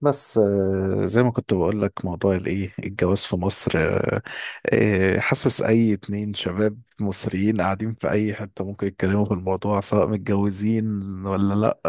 بس، زي ما كنت بقول لك، موضوع الايه الجواز في مصر. حاسس اي اتنين شباب مصريين قاعدين في اي حتة ممكن يتكلموا في الموضوع، سواء متجوزين ولا لا.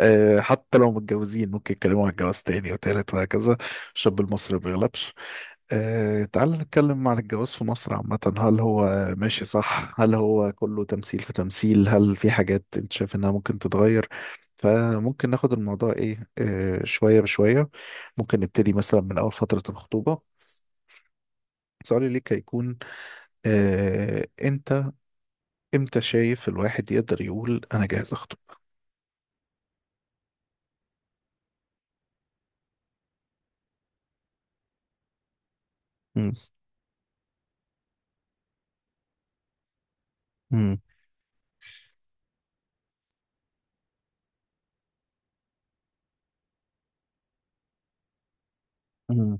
حتى لو متجوزين ممكن يتكلموا عن الجواز تاني وتالت وهكذا. الشاب المصري ما بيغلبش. تعال نتكلم عن الجواز في مصر عامة. هل هو ماشي؟ صح. هل هو كله تمثيل في تمثيل؟ هل في حاجات انت شايف انها ممكن تتغير؟ فممكن ناخد الموضوع ايه شوية بشوية. ممكن نبتدي مثلا من أول فترة الخطوبة. سؤالي ليك هيكون، انت امتى شايف الواحد يقدر يقول انا جاهز اخطب؟ مم. مم. مم.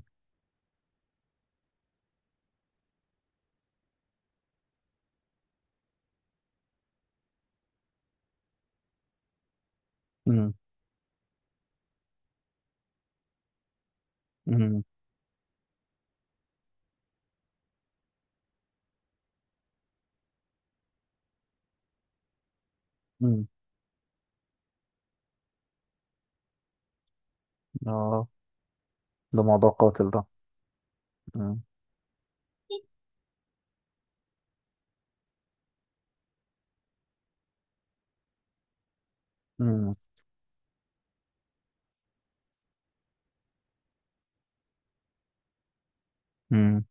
مم. مم. مم. اه، ده موضوع قاتل ده. مم. مم. مم.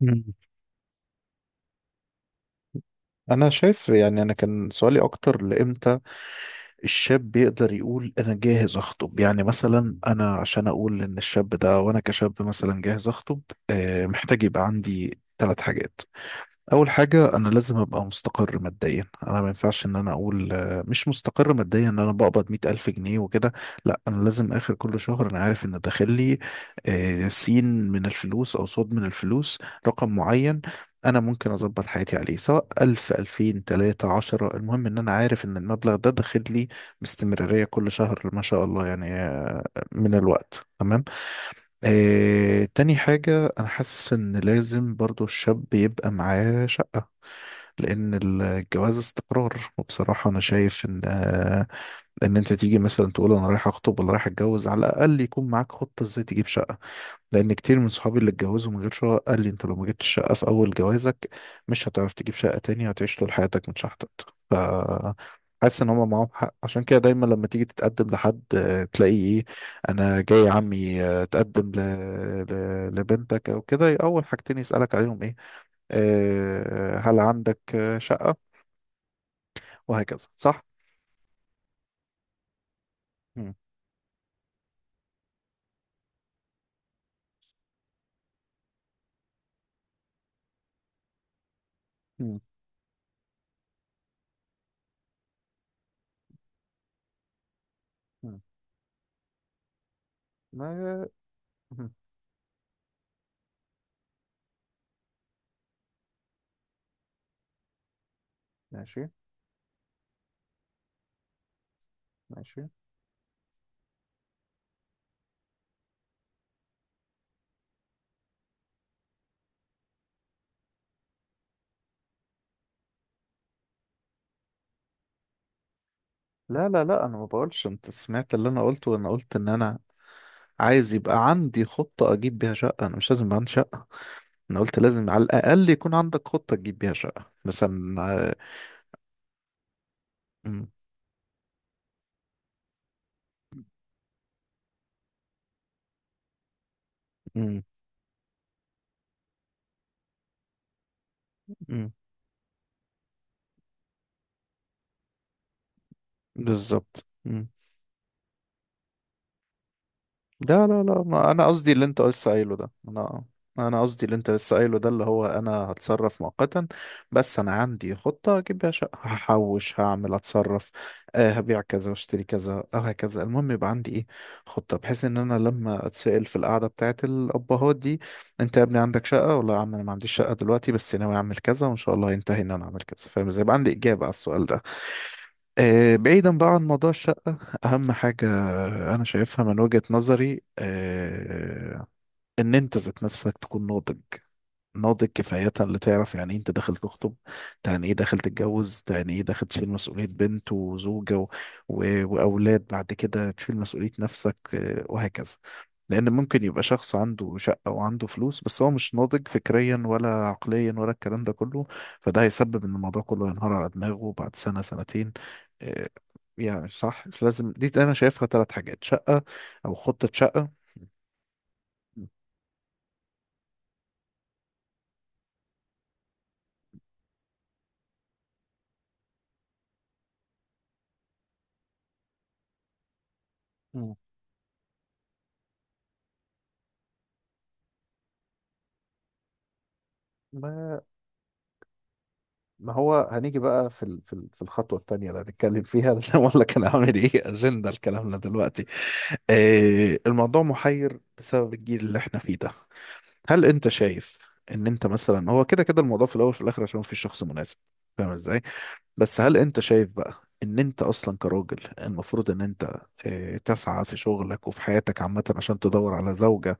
مم. انا شايف، يعني انا كان سؤالي اكتر، لامتى الشاب بيقدر يقول انا جاهز اخطب؟ يعني مثلا انا، عشان اقول ان الشاب ده وانا كشاب مثلا جاهز اخطب، محتاج يبقى عندي ثلاث حاجات. اول حاجه، انا لازم ابقى مستقر ماديا. انا ما ينفعش ان انا اقول مش مستقر ماديا ان انا بقبض 100 الف جنيه وكده. لا، انا لازم اخر كل شهر انا عارف ان داخل لي سين من الفلوس او صاد من الفلوس، رقم معين انا ممكن اظبط حياتي عليه، سواء الف الفين تلاتة عشرة، المهم ان انا عارف ان المبلغ ده داخل لي باستمرارية كل شهر ما شاء الله، يعني من الوقت تمام. تاني حاجة، أنا حاسس إن لازم برضو الشاب يبقى معاه شقة. لان الجواز استقرار، وبصراحه انا شايف ان، ان انت تيجي مثلا تقول انا رايح اخطب ولا رايح اتجوز، على الاقل يكون معاك خطه ازاي تجيب شقه. لان كتير من صحابي اللي اتجوزوا من غير شقه قال لي: انت لو ما جبتش شقه في اول جوازك، مش هتعرف تجيب شقه تانية، وهتعيش طول حياتك متشحطط. ف حاسس ان هم معاهم حق. عشان كده دايما لما تيجي تتقدم لحد، تلاقيه ايه، انا جاي عمي اتقدم لبنتك او كده. اول حاجتين يسالك عليهم إيه؟ هل عندك شقة؟ وهكذا، صح. مم. مم. مم. ما- مم. ماشي. ماشي. لا لا لا، انا ما بقولش، انت سمعت اللي انا قلته. وانا قلت ان انا عايز يبقى عندي خطة اجيب بيها شقة، انا مش لازم يبقى عندي شقة. انا قلت لازم على الاقل يكون عندك خطة تجيب بيها شقة مثلا. آه، مم. مم. مم. بالظبط. مم. لا لا لا، ما انا قصدي اللي انت لسه قايله ده، انا قصدي اللي انت لسه قايله ده اللي هو، انا هتصرف مؤقتا، بس انا عندي خطة اجيب بيها شقة، هحوش، هعمل، اتصرف، آه هبيع كذا واشتري كذا او هكذا. المهم يبقى عندي ايه؟ خطة. بحيث ان انا لما اتسأل في القعدة بتاعت الابهات دي: انت يا ابني عندك شقة؟ ولا يا عم انا ما عنديش شقة دلوقتي، بس ناوي اعمل كذا، وان شاء الله ينتهي ان انا اعمل كذا. فاهم ازاي؟ يبقى عندي اجابة على السؤال ده. بعيدا بقى عن موضوع الشقة، أهم حاجة أنا شايفها من وجهة نظري، ان انت ذات نفسك تكون ناضج. ناضج كفاية اللي تعرف يعني ايه انت داخل تخطب، يعني ايه داخل تتجوز، يعني ايه داخل تشيل مسؤولية بنت وزوجة و... واولاد، بعد كده تشيل مسؤولية نفسك، وهكذا. لان ممكن يبقى شخص عنده شقة وعنده فلوس، بس هو مش ناضج فكريا ولا عقليا ولا الكلام ده كله. فده هيسبب ان الموضوع كله ينهار على دماغه بعد سنة سنتين. آه، يعني صح. لازم دي، انا شايفها ثلاث حاجات: شقة او خطة شقة. مم. مم. ما ما هو هنيجي بقى في الخطوة التانية اللي هنتكلم فيها. لازم اقول لك انا عامل ايه اجندة لكلامنا دلوقتي. آه الموضوع محير بسبب الجيل اللي احنا فيه ده. هل انت شايف ان انت مثلا، هو كده كده الموضوع في الاول وفي الاخر عشان مفيش شخص مناسب، فاهم ازاي؟ بس هل انت شايف بقى ان انت اصلا كراجل المفروض ان انت تسعى في شغلك وفي حياتك عامة عشان تدور على زوجة،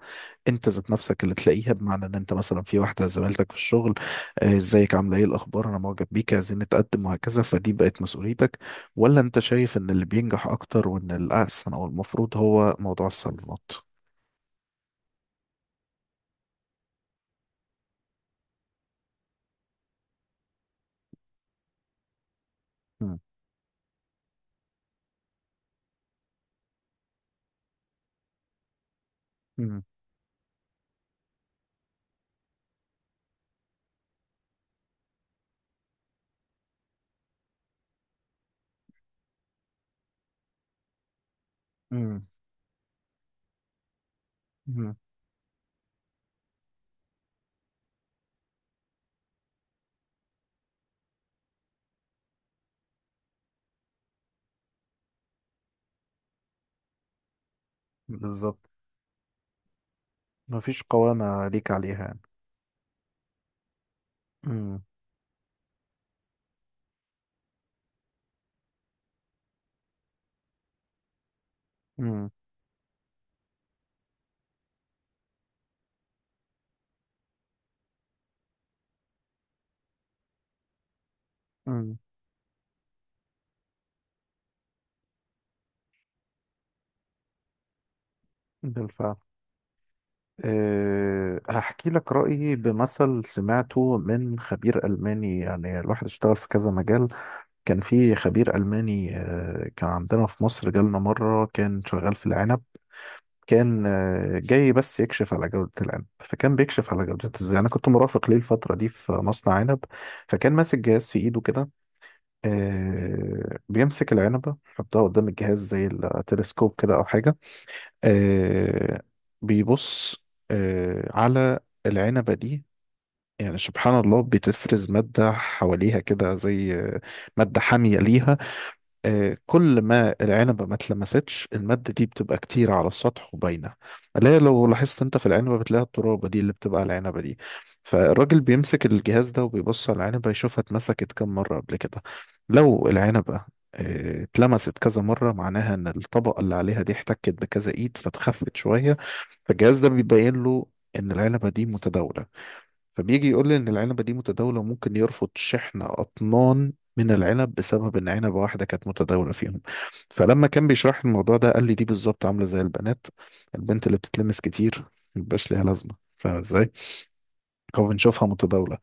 انت ذات نفسك اللي تلاقيها، بمعنى ان انت مثلا في واحدة زميلتك في الشغل، ازيك، عاملة ايه، الاخبار، انا معجب بيك، عايزين نتقدم وهكذا، فدي بقت مسؤوليتك؟ ولا انت شايف ان اللي بينجح اكتر وان الاحسن او المفروض هو موضوع الصالونات؟ مم. مم. مم. مم. بالظبط. مفيش قوامة ليك عليها يعني. مم. مم. مم. بالفعل. أه هحكي لك رأيي بمثل سمعته من خبير ألماني، يعني الواحد اشتغل في كذا مجال. كان في خبير ألماني أه كان عندنا في مصر، جالنا مرة، كان شغال في العنب، كان أه جاي بس يكشف على جودة العنب. فكان بيكشف على جودته ازاي، أنا كنت مرافق ليه الفترة دي في مصنع عنب، فكان ماسك جهاز في إيده كده، أه بيمسك العنبة يحطها قدام الجهاز زي التلسكوب كده أو حاجة. آه بيبص على العنبة دي، يعني سبحان الله بتفرز مادة حواليها كده، زي مادة حامية ليها. كل ما العنبة ما اتلمستش، المادة دي بتبقى كتير على السطح وباينة، اللي هي لو لاحظت انت في العنبة بتلاقي الترابة دي اللي بتبقى على العنبة دي. فالراجل بيمسك الجهاز ده وبيبص على العنبة يشوفها اتمسكت كم مرة قبل كده. لو العنبة اتلمست كذا مرة، معناها ان الطبقة اللي عليها دي احتكت بكذا ايد فتخفت شوية. فالجهاز ده بيبين له ان العنبة دي متداولة. فبيجي يقول لي ان العنبه دي متداوله، وممكن يرفض شحن اطنان من العنب بسبب ان عنبه واحده كانت متداوله فيهم. فلما كان بيشرح لي الموضوع ده قال لي دي بالظبط عامله زي البنات. البنت اللي بتتلمس كتير مبيبقاش ليها لازمه، فاهم ازاي، او بنشوفها متداولة.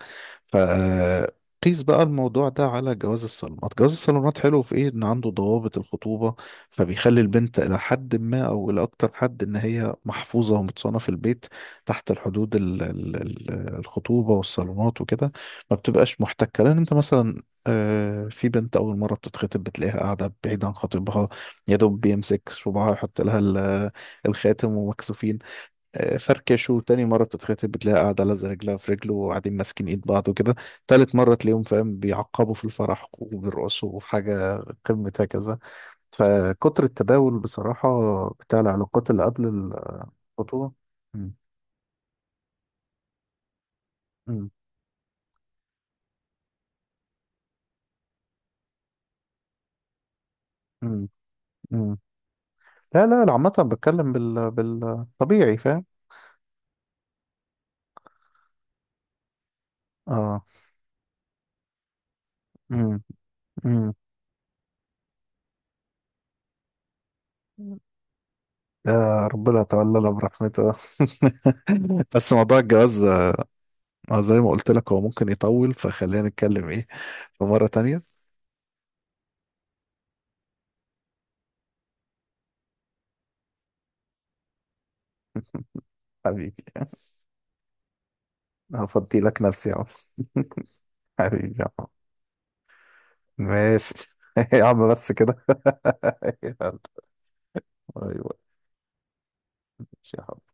فقيس بقى الموضوع ده على جواز الصالونات. جواز الصالونات حلو في ايه؟ ان عنده ضوابط، الخطوبة فبيخلي البنت الى حد ما او الى اكتر حد ان هي محفوظة ومتصانة في البيت، تحت الحدود ال ال ال الخطوبة والصالونات وكده، ما بتبقاش محتكة. لان انت مثلا، في بنت أول مرة بتتخطب بتلاقيها قاعدة بعيد عن خطيبها، يا دوب بيمسك صباعها يحط لها الخاتم، ومكسوفين، فركش. وتاني مرة بتتخطب بتلاقيها قاعدة لازقة رجلها في رجله، وقاعدين ماسكين ايد بعض وكده. تالت مرة تلاقيهم، فاهم، بيعقبوا في الفرح وبيرقصوا حاجة قمة هكذا. فكتر التداول بصراحة، بتاع العلاقات اللي قبل الخطوبة. مم. مم. مم. مم. لا لا لا، عامة بتكلم بالطبيعي، فاهم. اه. مم. مم. آه ربنا يتولانا برحمته. بس موضوع الجواز، زي ما قلت لك هو ممكن يطول، فخلينا نتكلم ايه في مرة تانية. حبيبي. هفضي لك نفسي يا عم. حبيبي يا عم. ماشي. يا عم بس كده. يلا. ايوه. ماشي يا حبيبي.